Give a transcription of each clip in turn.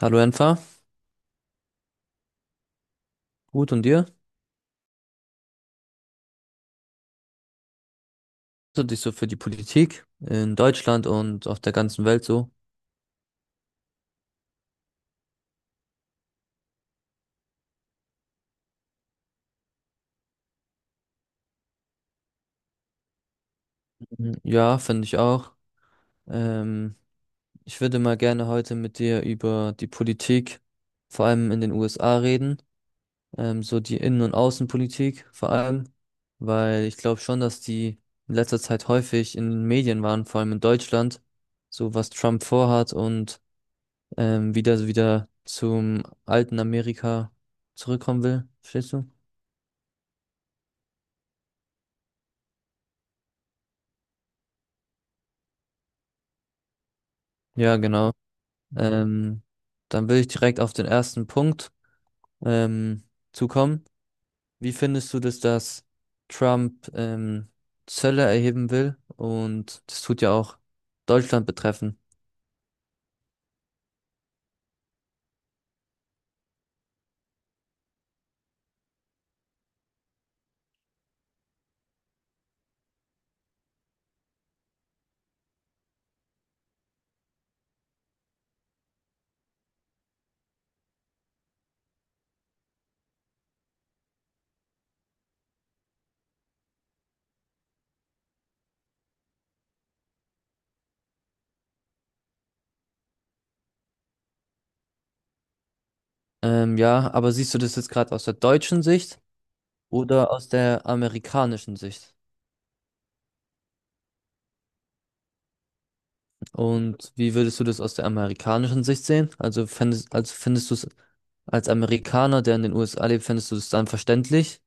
Hallo Enfa, gut und dir? Du dich so für die Politik in Deutschland und auf der ganzen Welt so? Mhm. Ja, finde ich auch. Ähm, Ich würde mal gerne heute mit dir über die Politik, vor allem in den USA reden, so die Innen- und Außenpolitik vor allem, weil ich glaube schon, dass die in letzter Zeit häufig in den Medien waren, vor allem in Deutschland, so was Trump vorhat und wieder zum alten Amerika zurückkommen will. Verstehst du? Ja, genau. Ähm, Dann will ich direkt auf den ersten Punkt ähm, zukommen. Wie findest du das, dass Trump Zölle erheben will? Und das tut ja auch Deutschland betreffen. Ja, aber siehst du das jetzt gerade aus der deutschen Sicht oder aus der amerikanischen Sicht? Und wie würdest du das aus der amerikanischen Sicht sehen? Also fändest, also findest du es als Amerikaner, der in den USA lebt, findest du es dann verständlich?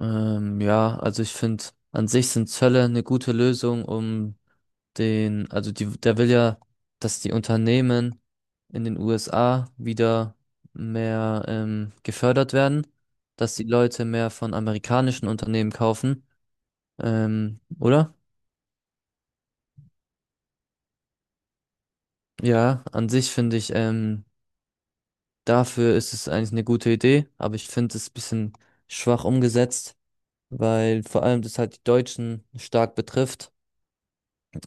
Ja, also ich finde, an sich sind Zölle eine gute Lösung, um den, also die, der will ja, dass die Unternehmen in den USA wieder mehr gefördert werden, dass die Leute mehr von amerikanischen Unternehmen kaufen, oder? Ja, an sich finde ich, dafür ist es eigentlich eine gute Idee, aber ich finde es ein bisschen schwach umgesetzt, weil vor allem das halt die Deutschen stark betrifft.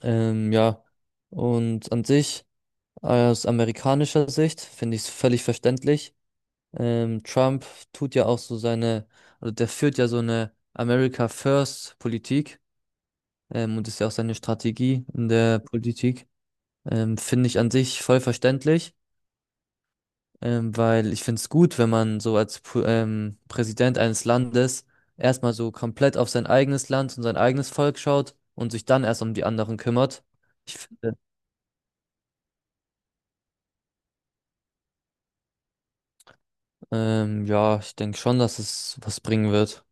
Ja, und an sich, aus amerikanischer Sicht, finde ich es völlig verständlich. Trump tut ja auch so seine, also der führt ja so eine America First Politik, und ist ja auch seine Strategie in der Politik. Finde ich an sich voll verständlich, weil ich finde es gut, wenn man so als Präsident eines Landes erstmal so komplett auf sein eigenes Land und sein eigenes Volk schaut und sich dann erst um die anderen kümmert. Ja, ich denke schon, dass es was bringen wird.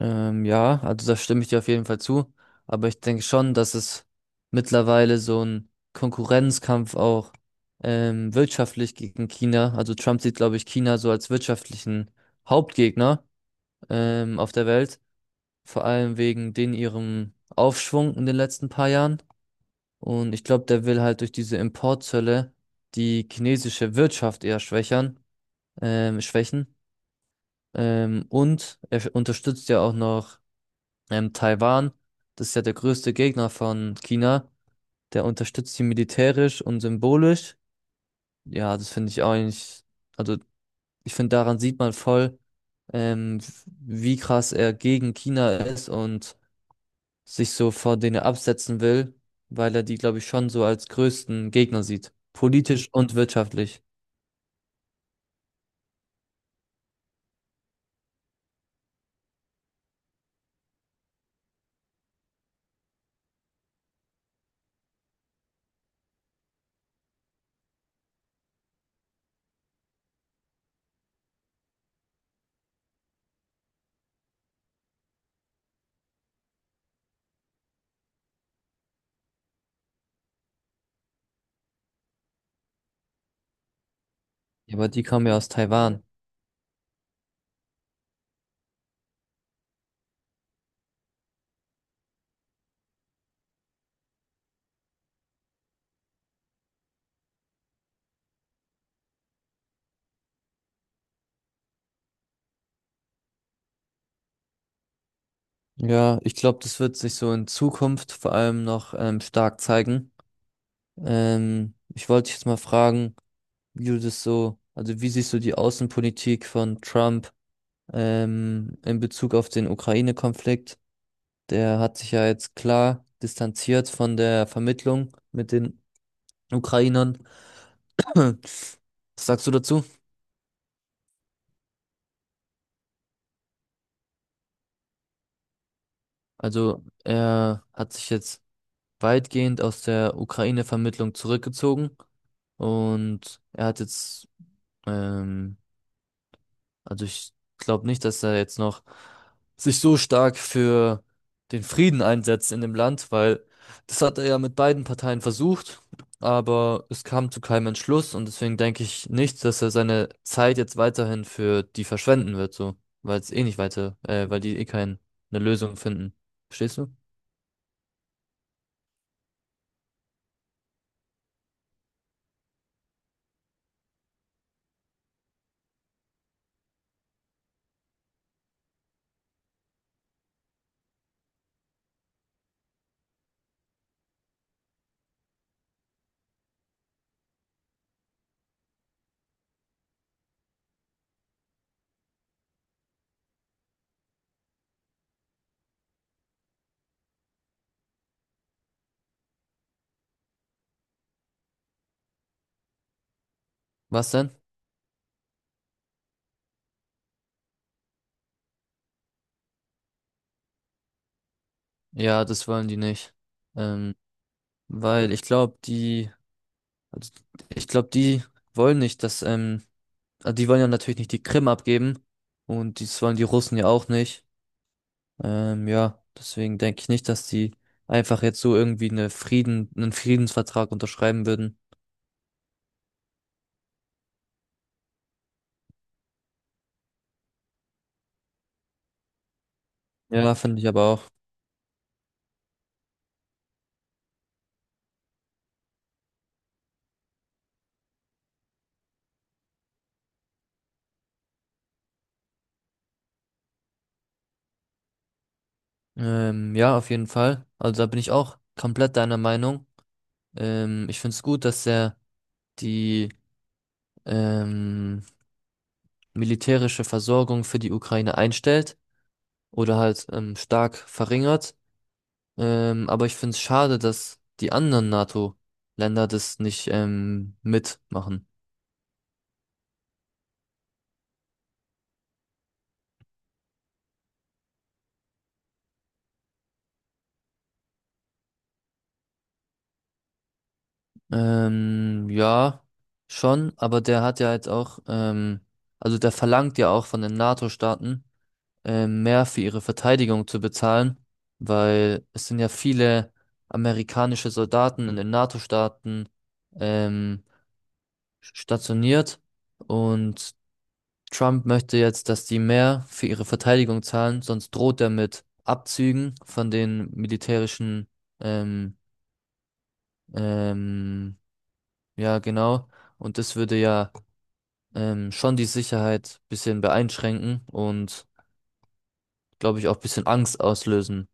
Ja, also da stimme ich dir auf jeden Fall zu. Aber ich denke schon, dass es mittlerweile so ein Konkurrenzkampf auch wirtschaftlich gegen China. Also Trump sieht, glaube ich, China so als wirtschaftlichen Hauptgegner auf der Welt. Vor allem wegen den ihrem Aufschwung in den letzten paar Jahren. Und ich glaube, der will halt durch diese Importzölle die chinesische Wirtschaft eher schwächern, schwächen. Und er unterstützt ja auch noch Taiwan. Das ist ja der größte Gegner von China. Der unterstützt sie militärisch und symbolisch. Ja, das finde ich auch eigentlich, also ich finde, daran sieht man voll, ähm, wie krass er gegen China ist und sich so vor denen absetzen will, weil er die, glaube ich, schon so als größten Gegner sieht. Politisch und wirtschaftlich. Ja, aber die kommen ja aus Taiwan. Ja, ich glaube, das wird sich so in Zukunft vor allem noch stark zeigen. Ich wollte dich jetzt mal fragen, wie du das so, also wie siehst du die Außenpolitik von Trump in Bezug auf den Ukraine-Konflikt? Der hat sich ja jetzt klar distanziert von der Vermittlung mit den Ukrainern. Was sagst du dazu? Also er hat sich jetzt weitgehend aus der Ukraine-Vermittlung zurückgezogen und er hat jetzt ähm, also ich glaube nicht, dass er jetzt noch sich so stark für den Frieden einsetzt in dem Land, weil das hat er ja mit beiden Parteien versucht, aber es kam zu keinem Entschluss und deswegen denke ich nicht, dass er seine Zeit jetzt weiterhin für die verschwenden wird, so, weil es eh nicht weiter, weil die eh keine Lösung finden. Verstehst du? Was denn? Ja, das wollen die nicht. Ähm, Weil ich glaube, die, also ich glaube, die wollen nicht, dass also die wollen ja natürlich nicht die Krim abgeben und das wollen die Russen ja auch nicht. Ja, deswegen denke ich nicht, dass die einfach jetzt so irgendwie eine Frieden, einen Friedensvertrag unterschreiben würden. Ja. Ja, finde ich aber auch. Ja, auf jeden Fall. Also da bin ich auch komplett deiner Meinung. Ich finde es gut, dass er die ähm, militärische Versorgung für die Ukraine einstellt oder halt stark verringert. Aber ich finde es schade, dass die anderen NATO-Länder das nicht mitmachen. Ja, schon, aber der hat ja jetzt auch, also der verlangt ja auch von den NATO-Staaten, mehr für ihre Verteidigung zu bezahlen, weil es sind ja viele amerikanische Soldaten in den NATO-Staaten ähm, stationiert und Trump möchte jetzt, dass die mehr für ihre Verteidigung zahlen, sonst droht er mit Abzügen von den militärischen, ähm, ähm, ja, genau. Und das würde ja schon die Sicherheit bisschen beeinschränken und, glaube ich, auch bisschen Angst auslösen.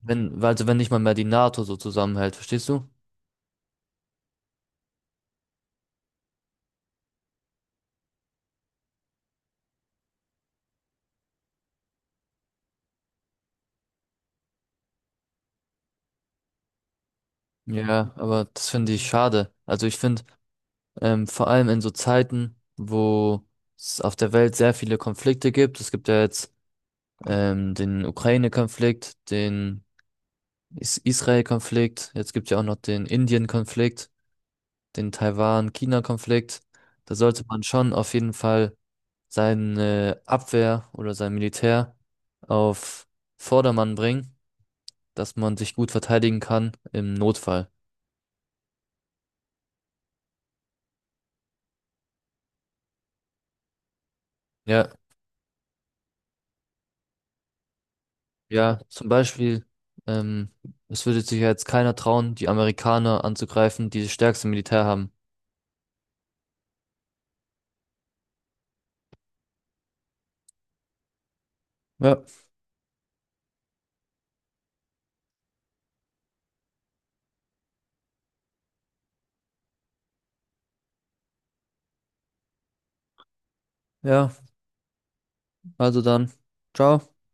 Wenn, weil- also wenn nicht mal mehr die NATO so zusammenhält, verstehst du? Ja, aber das finde ich schade. Also ich finde, vor allem in so Zeiten, wo es auf der Welt sehr viele Konflikte gibt, es gibt ja jetzt den Ukraine-Konflikt, den Is Israel-Konflikt, jetzt gibt es ja auch noch den Indien-Konflikt, den Taiwan-China-Konflikt. Da sollte man schon auf jeden Fall seine Abwehr oder sein Militär auf Vordermann bringen, dass man sich gut verteidigen kann im Notfall. Ja, ja, zum Beispiel, ähm, es würde sich ja jetzt keiner trauen, die Amerikaner anzugreifen, die das stärkste Militär haben. Ja, ja, also dann. Ciao.